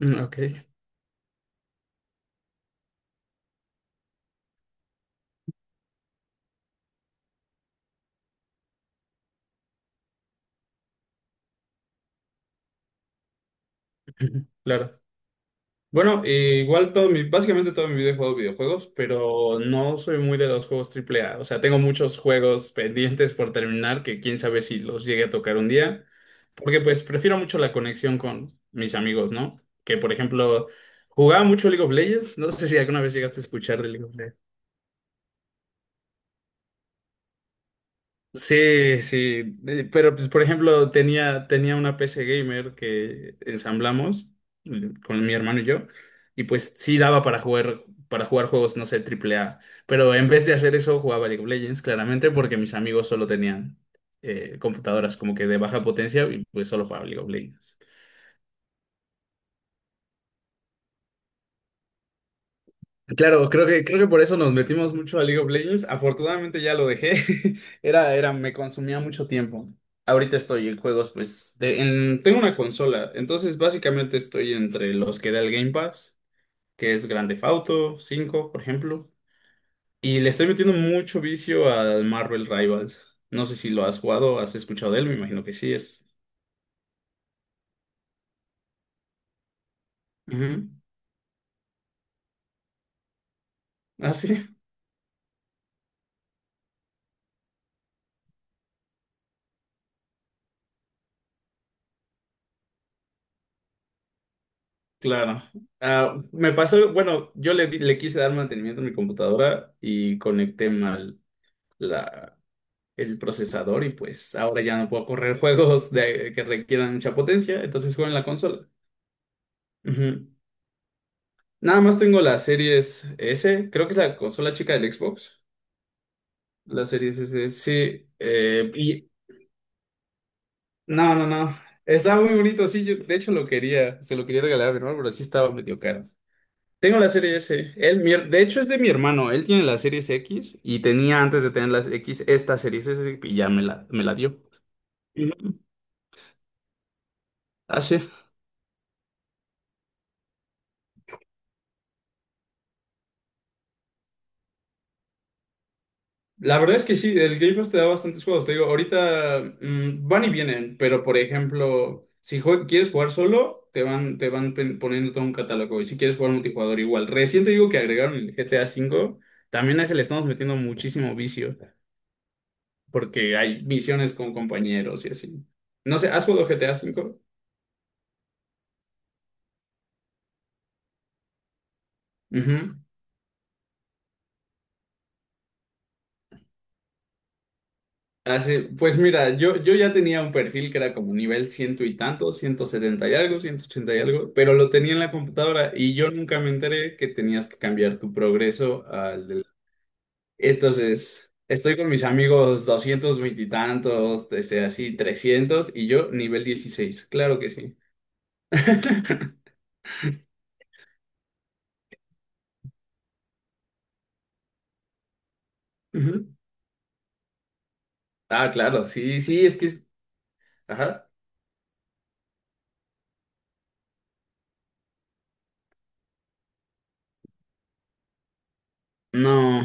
Mm, ok, claro. Bueno, igual básicamente todo mi vida he jugado videojuegos, pero no soy muy de los juegos triple A. O sea, tengo muchos juegos pendientes por terminar que quién sabe si los llegue a tocar un día, porque pues prefiero mucho la conexión con mis amigos, ¿no? Que por ejemplo, jugaba mucho League of Legends. No sé si alguna vez llegaste a escuchar de League of Legends. Sí, sí, pero pues por ejemplo tenía una PC gamer que ensamblamos con mi hermano y yo, y pues sí daba para jugar juegos, no sé, triple A, pero en vez de hacer eso jugaba League of Legends claramente porque mis amigos solo tenían computadoras como que de baja potencia y pues solo jugaba League of Legends. Claro, creo que por eso nos metimos mucho a League of Legends. Afortunadamente ya lo dejé. Me consumía mucho tiempo. Ahorita estoy en juegos, pues, tengo una consola. Entonces, básicamente estoy entre los que da el Game Pass, que es Grand Theft Auto V, por ejemplo. Y le estoy metiendo mucho vicio al Marvel Rivals. No sé si lo has jugado, has escuchado de él, me imagino que sí. Es. Ujú. Ah, sí, claro. Ah, me pasó, bueno, yo le quise dar mantenimiento a mi computadora y conecté mal la, el procesador, y pues ahora ya no puedo correr juegos de, que requieran mucha potencia, entonces juego en la consola. Ujú. Nada más tengo la Series S, creo que es la consola chica del Xbox. La Series S, sí, y no, no, no. Está muy bonito, sí. Yo, de hecho, lo quería, se lo quería regalar a mi hermano, pero sí estaba medio caro. Tengo la serie S. Él, de hecho, es de mi hermano. Él tiene la serie X y tenía antes de tener la X esta serie S y ya me la dio. Ujú. Así. La verdad es que sí, el Game Pass te da bastantes juegos. Te digo, ahorita van y vienen, pero por ejemplo, si quieres jugar solo, te van poniendo todo un catálogo. Y si quieres jugar multijugador, igual. Recién te digo que agregaron el GTA V, también a ese le estamos metiendo muchísimo vicio, porque hay misiones con compañeros y así. No sé, ¿has jugado GTA V? Ujú. Así, pues mira, yo ya tenía un perfil que era como nivel ciento y tanto, 170 y algo, 180 y algo, pero lo tenía en la computadora y yo nunca me enteré que tenías que cambiar tu progreso al del... Entonces, estoy con mis amigos 220 y tantos, ese, así 300 y yo nivel 16, claro que sí. Ujú. Ah, claro, sí, sí, es que. Ajá. No,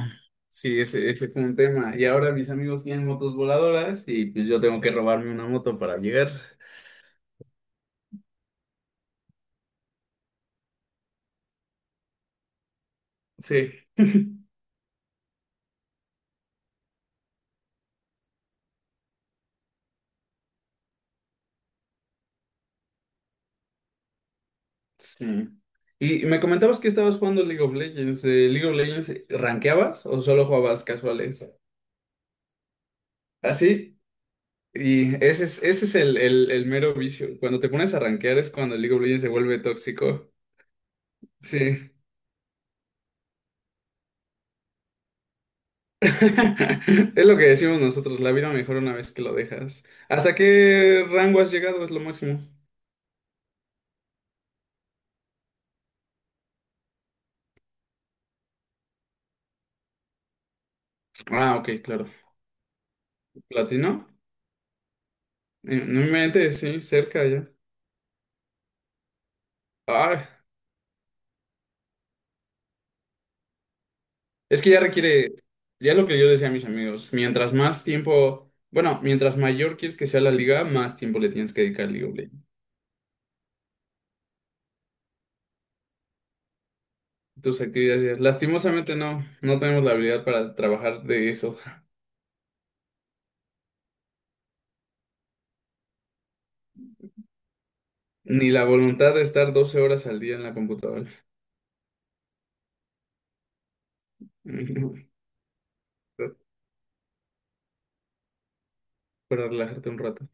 sí, ese fue un tema. Y ahora mis amigos tienen motos voladoras y pues yo tengo que robarme una moto para llegar. Sí, sí. Y me comentabas que estabas jugando League of Legends. ¿League of Legends rankeabas o solo jugabas casuales? Así. Y ese es el mero vicio. Cuando te pones a rankear es cuando el League of Legends se vuelve tóxico. Sí. Es lo que decimos nosotros, la vida mejora una vez que lo dejas. ¿Hasta qué rango has llegado? Es lo máximo. Ah, ok, claro. ¿Platino? No me mente, sí, cerca ya. Ah, es que ya requiere, ya es lo que yo decía a mis amigos, mientras más tiempo, bueno, mientras mayor quieres que sea la liga, más tiempo le tienes que dedicar al League of Legends. Tus actividades diarias. Lastimosamente no, no tenemos la habilidad para trabajar de eso, ni la voluntad de estar 12 horas al día en la computadora, para relajarte un rato.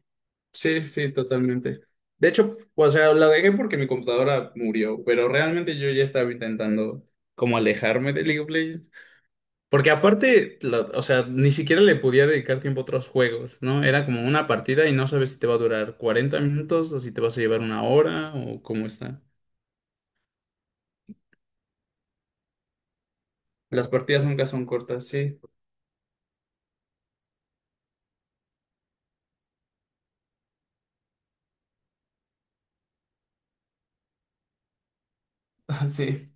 Sí, sí, totalmente. De hecho, o sea, la dejé porque mi computadora murió, pero realmente yo ya estaba intentando como alejarme de League of Legends. Porque aparte, o sea, ni siquiera le podía dedicar tiempo a otros juegos, ¿no? Era como una partida y no sabes si te va a durar 40 minutos o si te vas a llevar una hora o cómo está. Las partidas nunca son cortas, sí. Ah, sí.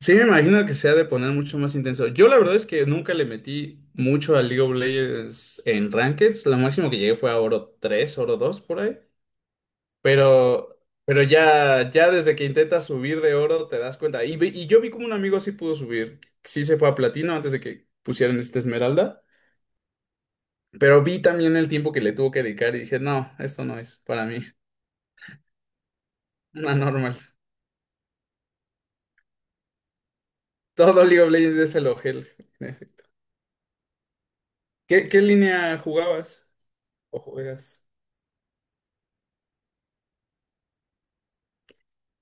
Sí, me imagino que se ha de poner mucho más intenso. Yo la verdad es que nunca le metí mucho al League of Legends en Rankeds. Lo máximo que llegué fue a oro 3, oro 2 por ahí. Pero, pero ya desde que intentas subir de oro te das cuenta. Y, y yo vi como un amigo sí pudo subir. Sí se fue a platino antes de que pusieran esta esmeralda. Pero vi también el tiempo que le tuvo que dedicar y dije, no, esto no es para mí. Una normal. Todo League of Legends es el ojel, en efecto. ¿Qué línea jugabas o juegas?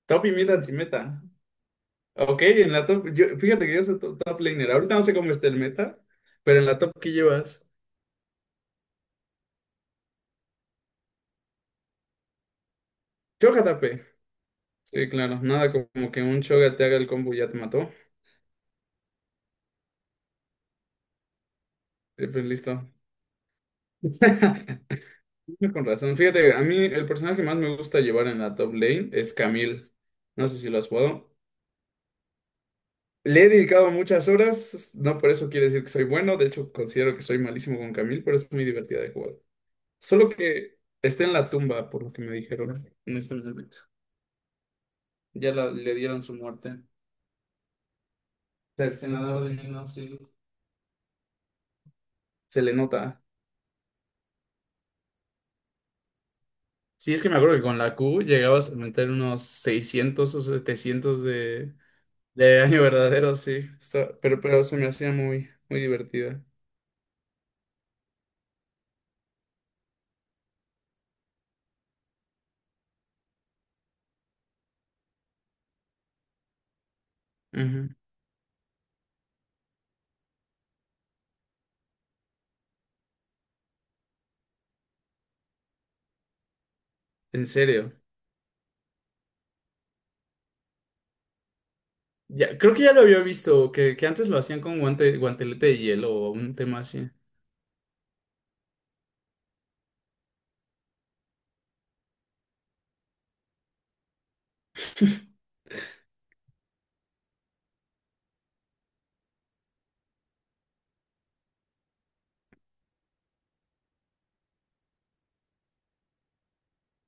Top y mid anti-meta. Ok, en la top. Yo, fíjate que yo soy top, top laner. Ahorita no sé cómo está el meta, pero en la top que llevas. Choca tape. Sí, claro. Nada como que un Choga te haga el combo y ya te mató. Y pues listo. Con razón. Fíjate, a mí el personaje que más me gusta llevar en la top lane es Camille. No sé si lo has jugado. Le he dedicado muchas horas. No por eso quiere decir que soy bueno. De hecho, considero que soy malísimo con Camille, pero es muy divertida de jugar. Solo que está en la tumba, por lo que me dijeron en este momento. Ya le dieron su muerte. Cercenador de niños, y se le nota. Sí, es que me acuerdo que con la Q llegabas a meter unos 600 o 700 de, año verdadero, sí. Pero, se me hacía muy, muy divertida. Ujú. En serio. Ya, creo que ya lo había visto, que antes lo hacían con guante, guantelete de hielo o un tema así.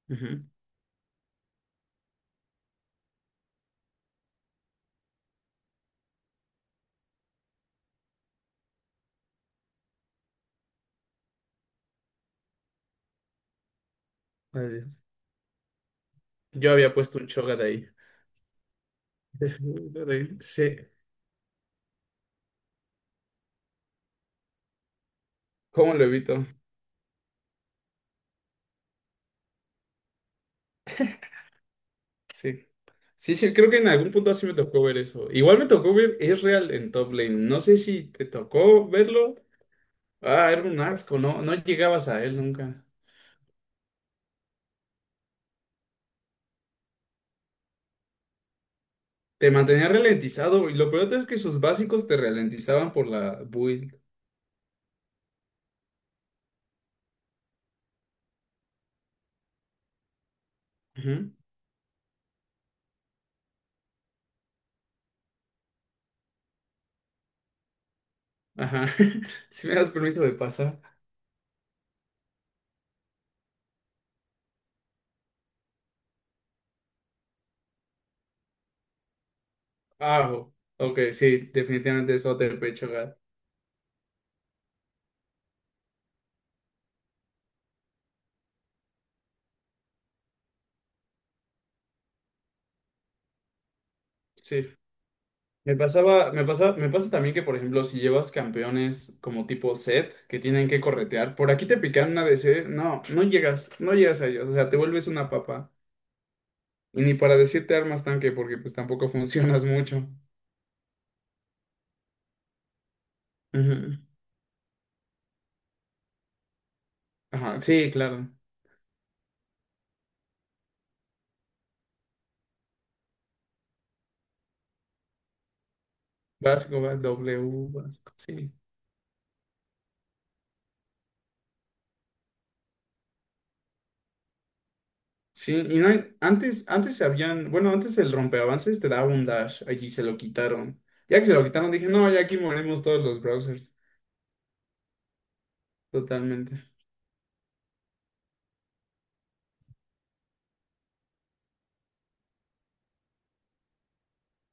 Ujú. Ay, Dios. Yo había puesto un Chogat ahí. Sí. ¿Cómo lo evito? Sí. Sí, sí, creo que en algún punto sí me tocó ver eso. Igual me tocó ver real en top lane. No sé si te tocó verlo. Ah, era un asco, no, no llegabas a él nunca. Te mantenía ralentizado y lo peor es que sus básicos te ralentizaban por la build. Ujú. Ajá. Si me das permiso de pasar. Ah, ok, sí, definitivamente es OTP, chocar. Sí. Me pasa también que, por ejemplo, si llevas campeones como tipo set que tienen que corretear, por aquí te pican una DC, no, no llegas a ellos, o sea, te vuelves una papa. Y ni para decirte armas tanque, porque pues tampoco funcionas mucho. Ujú. Ajá, sí, claro. Básico, va, W, básico, sí. Sí, y no hay- antes habían, bueno, antes el rompeavances te daba un dash, allí se lo quitaron. Ya que se lo quitaron, dije, no, ya aquí morimos todos los browsers, totalmente.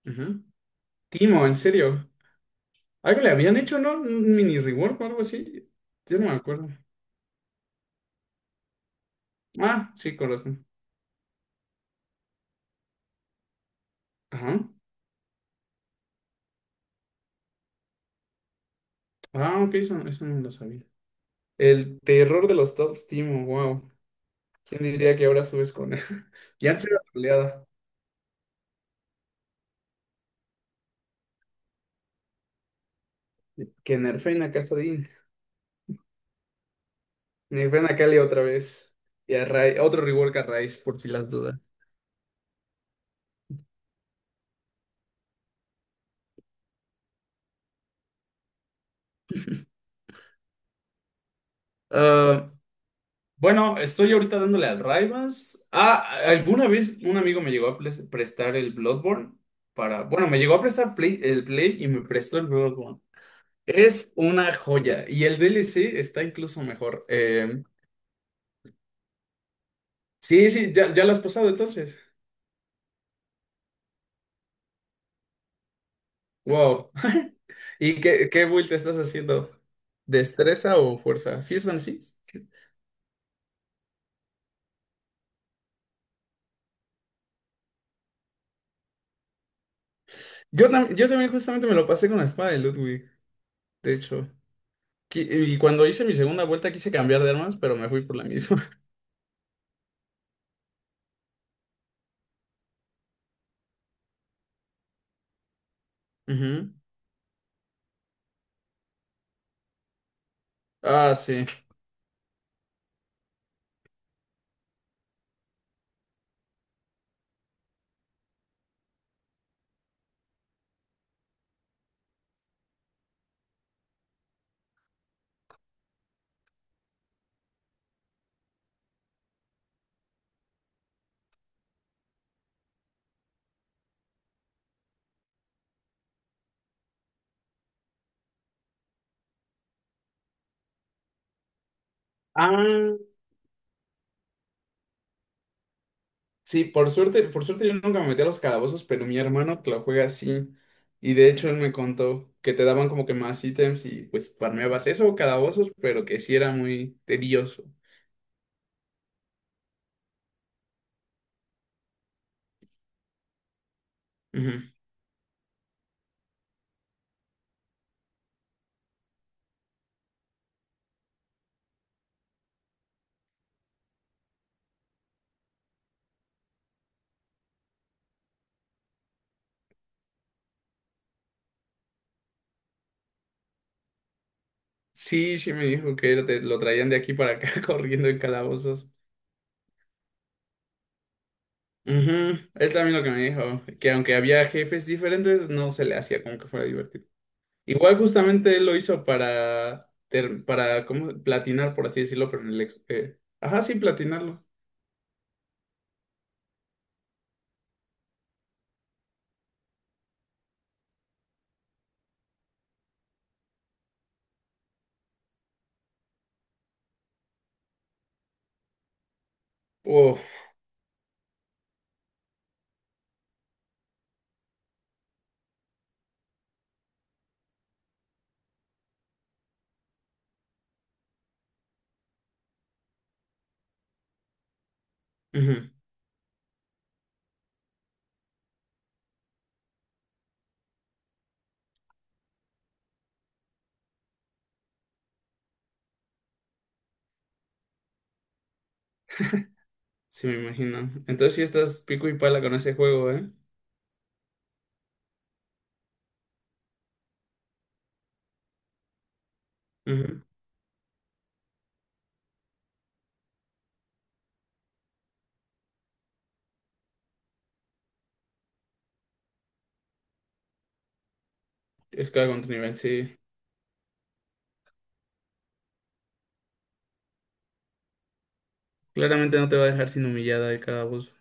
Ujú. Timo, en serio. Algo le habían hecho, ¿no? Un mini rework o algo así. Yo no me acuerdo. Ah, sí, corazón. Ajá. Ah, ok, eso, eso no lo sabía. El terror de los top team, wow. ¿Quién diría que ahora subes con él? Ya antes era troleada. Que nerfeen a Casadin. Nerfeen a Cali otra vez. Y a otro rework a Raiz, por si las dudas. Ah, bueno, estoy ahorita dándole al Raivas. Ah, alguna vez un amigo me llegó a prestar el Bloodborne para. Bueno, me llegó a prestar el Play y me prestó el Bloodborne. Es una joya y el DLC está incluso mejor. Sí, sí, ya, ya lo has pasado entonces. Wow. ¿Y qué, qué build te estás haciendo? ¿Destreza o fuerza? ¿Sí están así? Yo, yo también justamente me lo pasé con la espada de Ludwig, de hecho. Y cuando hice mi segunda vuelta quise cambiar de armas, pero me fui por la misma. Ujú. Ah, sí. Ah. Sí, por suerte yo nunca me metí a los calabozos, pero mi hermano que lo juega así. Y de hecho él me contó que te daban como que más ítems y pues farmeabas eso, calabozos, pero que sí era muy tedioso. Ujú. Sí, sí me dijo que lo, lo traían de aquí para acá corriendo en calabozos. Ujú. Él también lo que me dijo, que aunque había jefes diferentes, no se le hacía como que fuera divertido. Igual justamente él lo hizo para como platinar, por así decirlo, pero ajá, sí, platinarlo. Oh. Sí, me imagino. Entonces sí estás pico y pala con ese juego, ¿eh? Ujú. Es cada contra nivel, sí. Claramente no te va a dejar sin humillada el calabozo.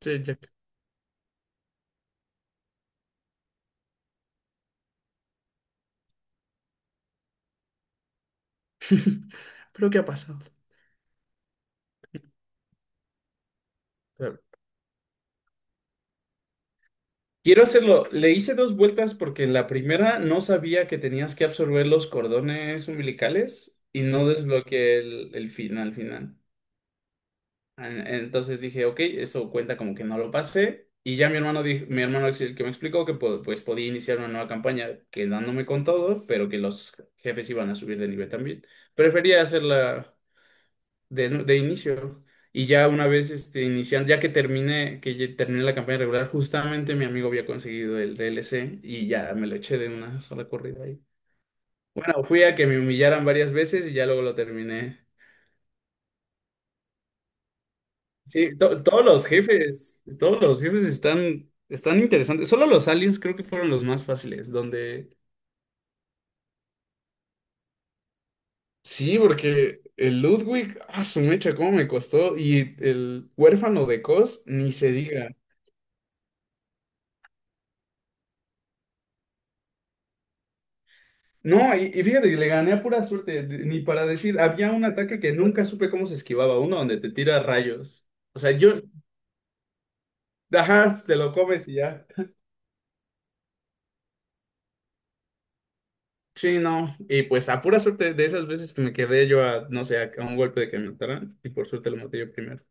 Sí, Jack. Pero ¿qué ha pasado? Claro. Quiero hacerlo. Le hice dos vueltas porque en la primera no sabía que tenías que absorber los cordones umbilicales y no desbloqueé el final final. Entonces dije, ok, eso cuenta como que no lo pasé. Y ya mi hermano, dijo, mi hermano es el que me explicó que pues podía iniciar una nueva campaña quedándome con todo, pero que los jefes iban a subir de nivel también. Prefería hacerla de inicio. Y ya una vez este, iniciando, que ya terminé la campaña regular, justamente mi amigo había conseguido el DLC y ya me lo eché de una sola corrida ahí. Bueno, fui a que me humillaran varias veces y ya luego lo terminé. Sí, todos los jefes están interesantes. Solo los aliens creo que fueron los más fáciles, donde... Sí, porque el Ludwig, ah, su mecha, cómo me costó. Y el huérfano de Cos, ni se diga. No, y fíjate que le gané a pura suerte, ni para decir, había un ataque que nunca supe cómo se esquivaba, uno donde te tira rayos. O sea, yo, ajá, te lo comes y ya. Sí, no. Y pues a pura suerte de esas veces que me quedé yo a, no sé, a, un golpe de que me mataran, y por suerte lo maté yo primero.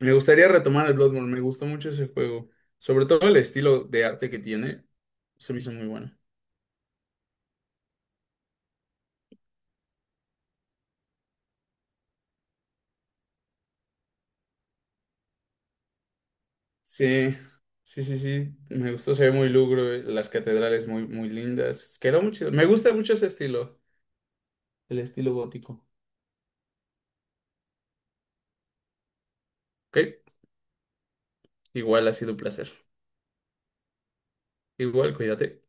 Me gustaría retomar el Bloodborne, me gustó mucho ese juego. Sobre todo el estilo de arte que tiene, se me hizo muy bueno. Sí, sí, sí, sí, me gustó, se ve muy lugro, las catedrales muy, muy lindas. Quedó muy chido. Me gusta mucho ese estilo, el estilo gótico. Ok, igual ha sido un placer. Igual, cuídate.